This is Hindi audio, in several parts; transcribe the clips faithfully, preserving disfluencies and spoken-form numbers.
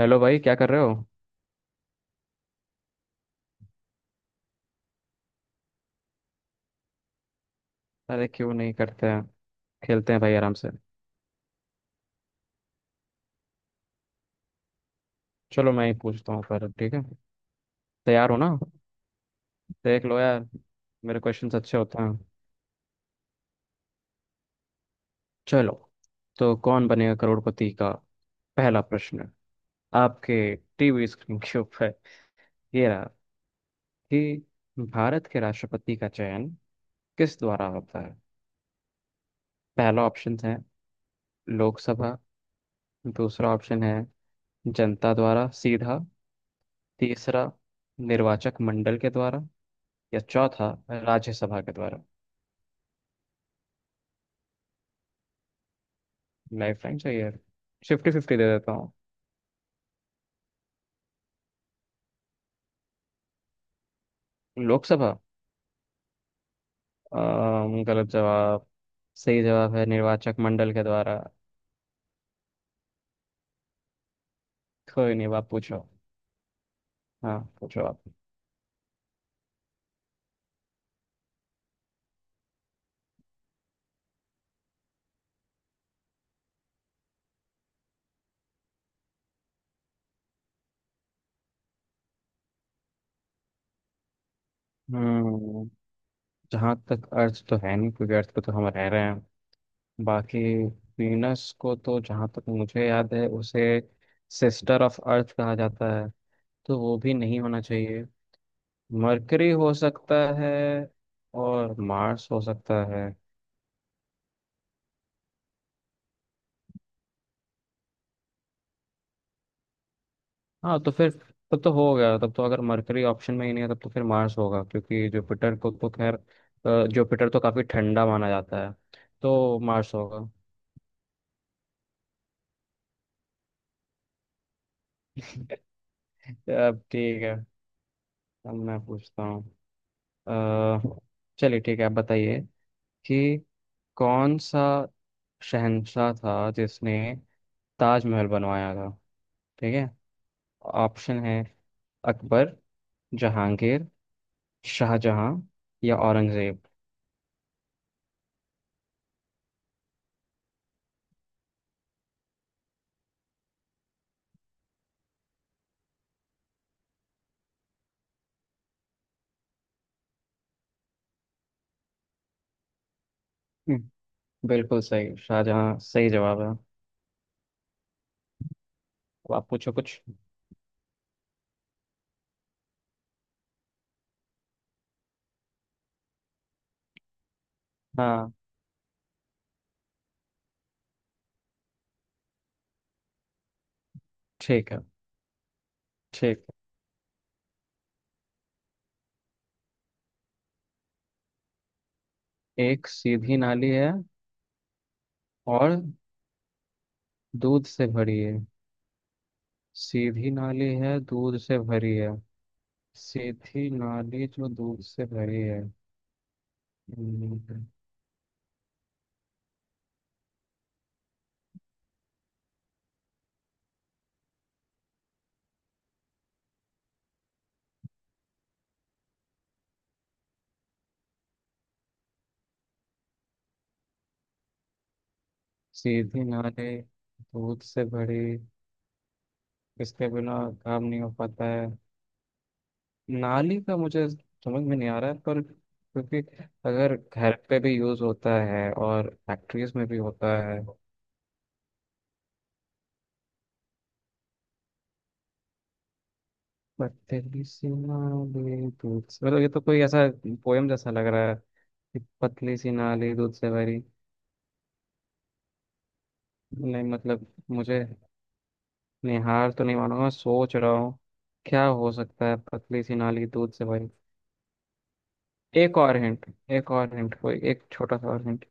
हेलो भाई, क्या कर रहे हो। अरे क्यों नहीं, करते हैं। खेलते हैं भाई, आराम से। चलो, मैं ही पूछता हूँ पर ठीक है। तैयार हो ना। देख लो यार। मेरे क्वेश्चंस अच्छे होते हैं। चलो, तो कौन बनेगा करोड़पति का पहला प्रश्न। आपके टीवी स्क्रीन के ऊपर ये रहा कि भारत के राष्ट्रपति का चयन किस द्वारा होता है। पहला ऑप्शन है लोकसभा। दूसरा ऑप्शन है जनता द्वारा सीधा। तीसरा निर्वाचक मंडल के द्वारा। या चौथा राज्यसभा के द्वारा। लाइफ लाइन चाहिए। फिफ्टी फिफ्टी दे देता हूँ। लोकसभा। अम, गलत जवाब। सही जवाब है निर्वाचक मंडल के द्वारा। कोई नहीं, आप पूछो। हाँ, पूछो आप। हम्म जहाँ तक अर्थ तो है नहीं, क्योंकि अर्थ पे तो हम रह रहे हैं। बाकी वीनस को तो जहाँ तक मुझे याद है, उसे सिस्टर ऑफ अर्थ कहा जाता है। तो वो भी नहीं होना चाहिए। मरकरी हो सकता है और मार्स हो सकता है। हाँ, तो फिर तब तो हो गया। तब तो अगर मरकरी ऑप्शन में ही नहीं है तब तो फिर मार्स होगा, क्योंकि जुपिटर को तो खैर। अ, जुपिटर तो काफी ठंडा माना जाता है। तो मार्स होगा। अब ठीक है, अब मैं पूछता हूँ। अ, चलिए ठीक है, आप बताइए कि कौन सा शहंशाह था जिसने ताजमहल बनवाया था, ठीक है। ऑप्शन है, अकबर, जहांगीर, शाहजहां या औरंगजेब। हम्म, बिल्कुल सही, शाहजहां सही जवाब है। अब आप पूछो कुछ। हाँ। ठीक है। ठीक है। एक सीधी नाली है और दूध से भरी है। सीधी नाली है, दूध से भरी है। सीधी नाली जो दूध से भरी है। हम्म, सीधी नाली दूध से भरी, इसके बिना काम नहीं हो पाता है। नाली का मुझे समझ में नहीं आ रहा है, पर क्योंकि अगर घर पे भी यूज होता है और फैक्ट्रीज में भी होता है। पतली सी नाली, दूध से मतलब ये तो कोई ऐसा पोयम जैसा लग रहा है, कि पतली सी नाली दूध से भरी। नहीं, मतलब मुझे निहार तो नहीं मानूंगा, मैं सोच रहा हूँ क्या हो सकता है पतली सी नाली दूध से भरी। एक और हिंट। एक और हिंट, कोई एक छोटा सा और हिंट।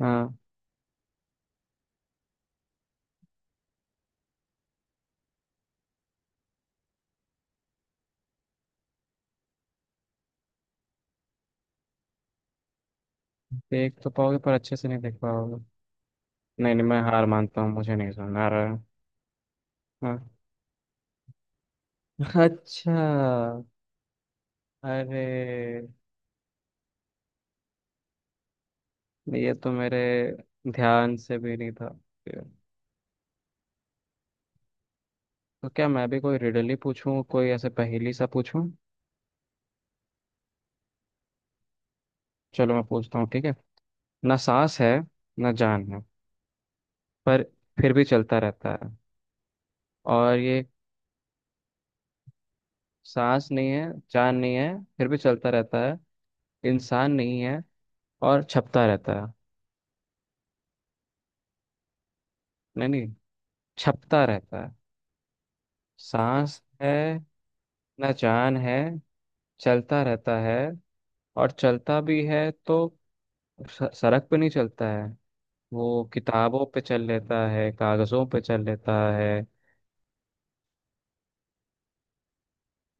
हाँ। देख तो पाओगे पर अच्छे से नहीं देख पाओगे। नहीं नहीं, मैं हार मानता हूँ, मुझे नहीं समझ आ रहा है। हाँ। अच्छा। अरे, ये तो मेरे ध्यान से भी नहीं था। तो क्या मैं भी कोई रिडल ही पूछूं, कोई ऐसे पहेली सा पूछूं। चलो मैं पूछता हूँ, ठीक है। ना सांस है, ना जान है, पर फिर भी चलता रहता है। और ये, सांस नहीं है, जान नहीं है, फिर भी चलता रहता है। इंसान नहीं है और छपता रहता है। नहीं नहीं, छपता रहता है। सांस है, ना जान है, चलता रहता है। और चलता भी है तो स- सड़क पे नहीं चलता है। वो किताबों पे चल लेता है, कागजों पे चल लेता है।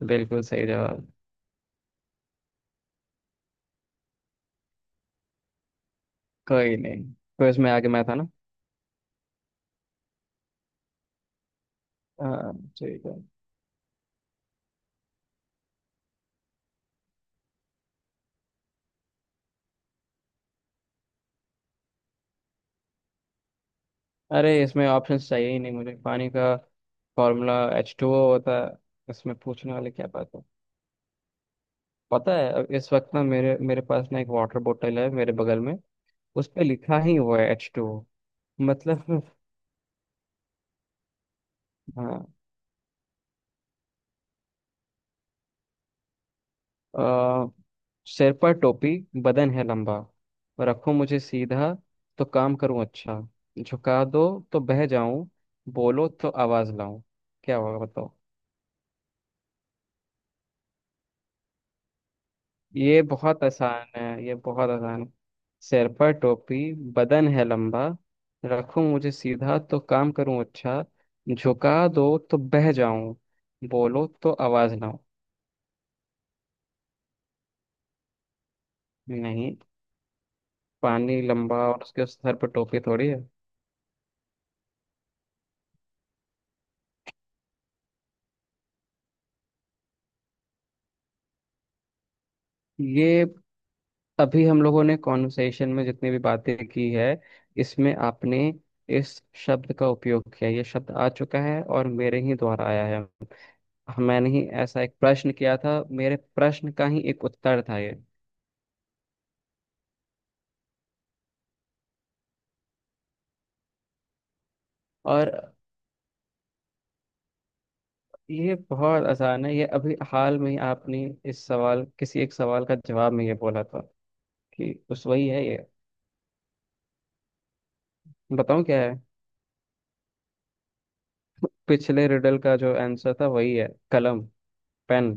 बिल्कुल सही जवाब। कोई नहीं। क्विज में आगे मैं था ना। हाँ। ठीक है। अरे, इसमें ऑप्शंस चाहिए ही नहीं, मुझे पानी का फॉर्मूला एच टू ओ होता है। इसमें पूछने वाले, क्या बात है। पता है, अब इस वक्त ना मेरे मेरे पास ना एक वाटर बोतल है मेरे बगल में। उस पे लिखा ही हुआ है एच टू ओ। मतलब। हाँ। अ, सिर पर टोपी, बदन है लंबा। रखो मुझे सीधा तो काम करूं अच्छा। झुका दो तो बह जाऊं। बोलो तो आवाज लाऊं। क्या होगा बताओ। ये बहुत आसान है, ये बहुत आसान है। सिर पर टोपी, बदन है लंबा। रखो मुझे सीधा तो काम करूं अच्छा। झुका दो तो बह जाऊं। बोलो तो आवाज ना हो। नहीं, पानी लंबा और उसके सर पर टोपी थोड़ी है। ये अभी हम लोगों ने कॉन्वर्सेशन में जितनी भी बातें की है, इसमें आपने इस शब्द का उपयोग किया, ये शब्द आ चुका है और मेरे ही द्वारा आया है। हाँ, मैंने ही ऐसा एक प्रश्न किया था, मेरे प्रश्न का ही एक उत्तर था ये। और ये बहुत आसान है, ये अभी हाल में ही आपने इस सवाल, किसी एक सवाल का जवाब में ये बोला था कि उस वही है ये। बताऊं क्या है। पिछले रिडल का जो आंसर था वही है, कलम, पेन।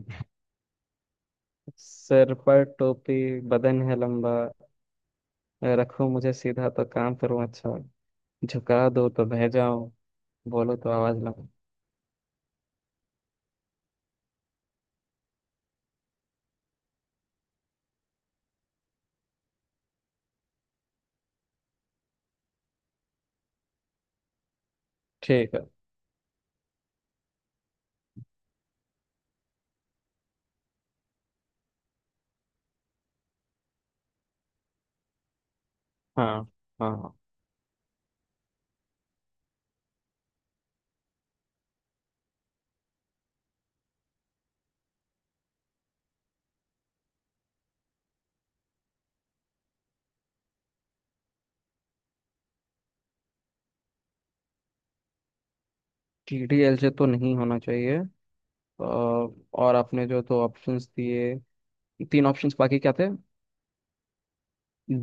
सिर पर टोपी, बदन है लंबा। रखो मुझे सीधा तो काम करूं अच्छा। झुका दो तो बह जाऊं। बोलो तो आवाज लगाऊं। ठीक है। हाँ, हाँ। टी डी एल से तो नहीं होना चाहिए। अ, और आपने जो तो ऑप्शंस दिए, तीन ऑप्शंस, बाकी क्या थे।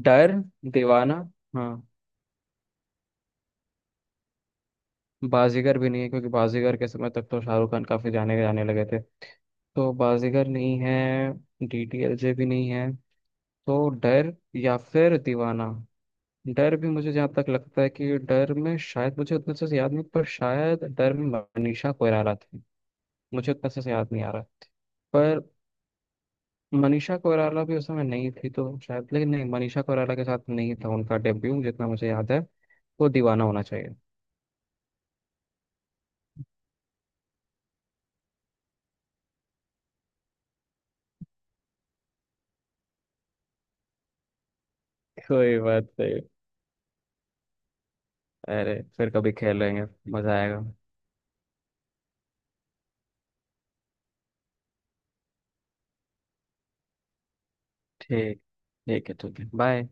डर, दीवाना। हाँ। बाजीगर भी नहीं है, क्योंकि बाजीगर के समय तक तो शाहरुख खान काफी जाने जाने लगे थे। तो बाजीगर नहीं है। डी डी एल जे भी नहीं है। तो डर या फिर दीवाना। डर भी मुझे जहाँ तक लगता है, कि डर में शायद, मुझे उतना अच्छे से याद नहीं, पर शायद डर में मनीषा कोइराला थी। मुझे उतना अच्छे से याद नहीं आ रहा, पर मनीषा कोइराला भी उस समय नहीं थी, तो शायद, लेकिन नहीं, मनीषा कोइराला के साथ नहीं था उनका डेब्यू, जितना मुझे याद है। वो दीवाना होना चाहिए। कोई बात नहीं। अरे फिर कभी खेल लेंगे। मजा आएगा। ठीक, ठीक है, ठीक है, बाय।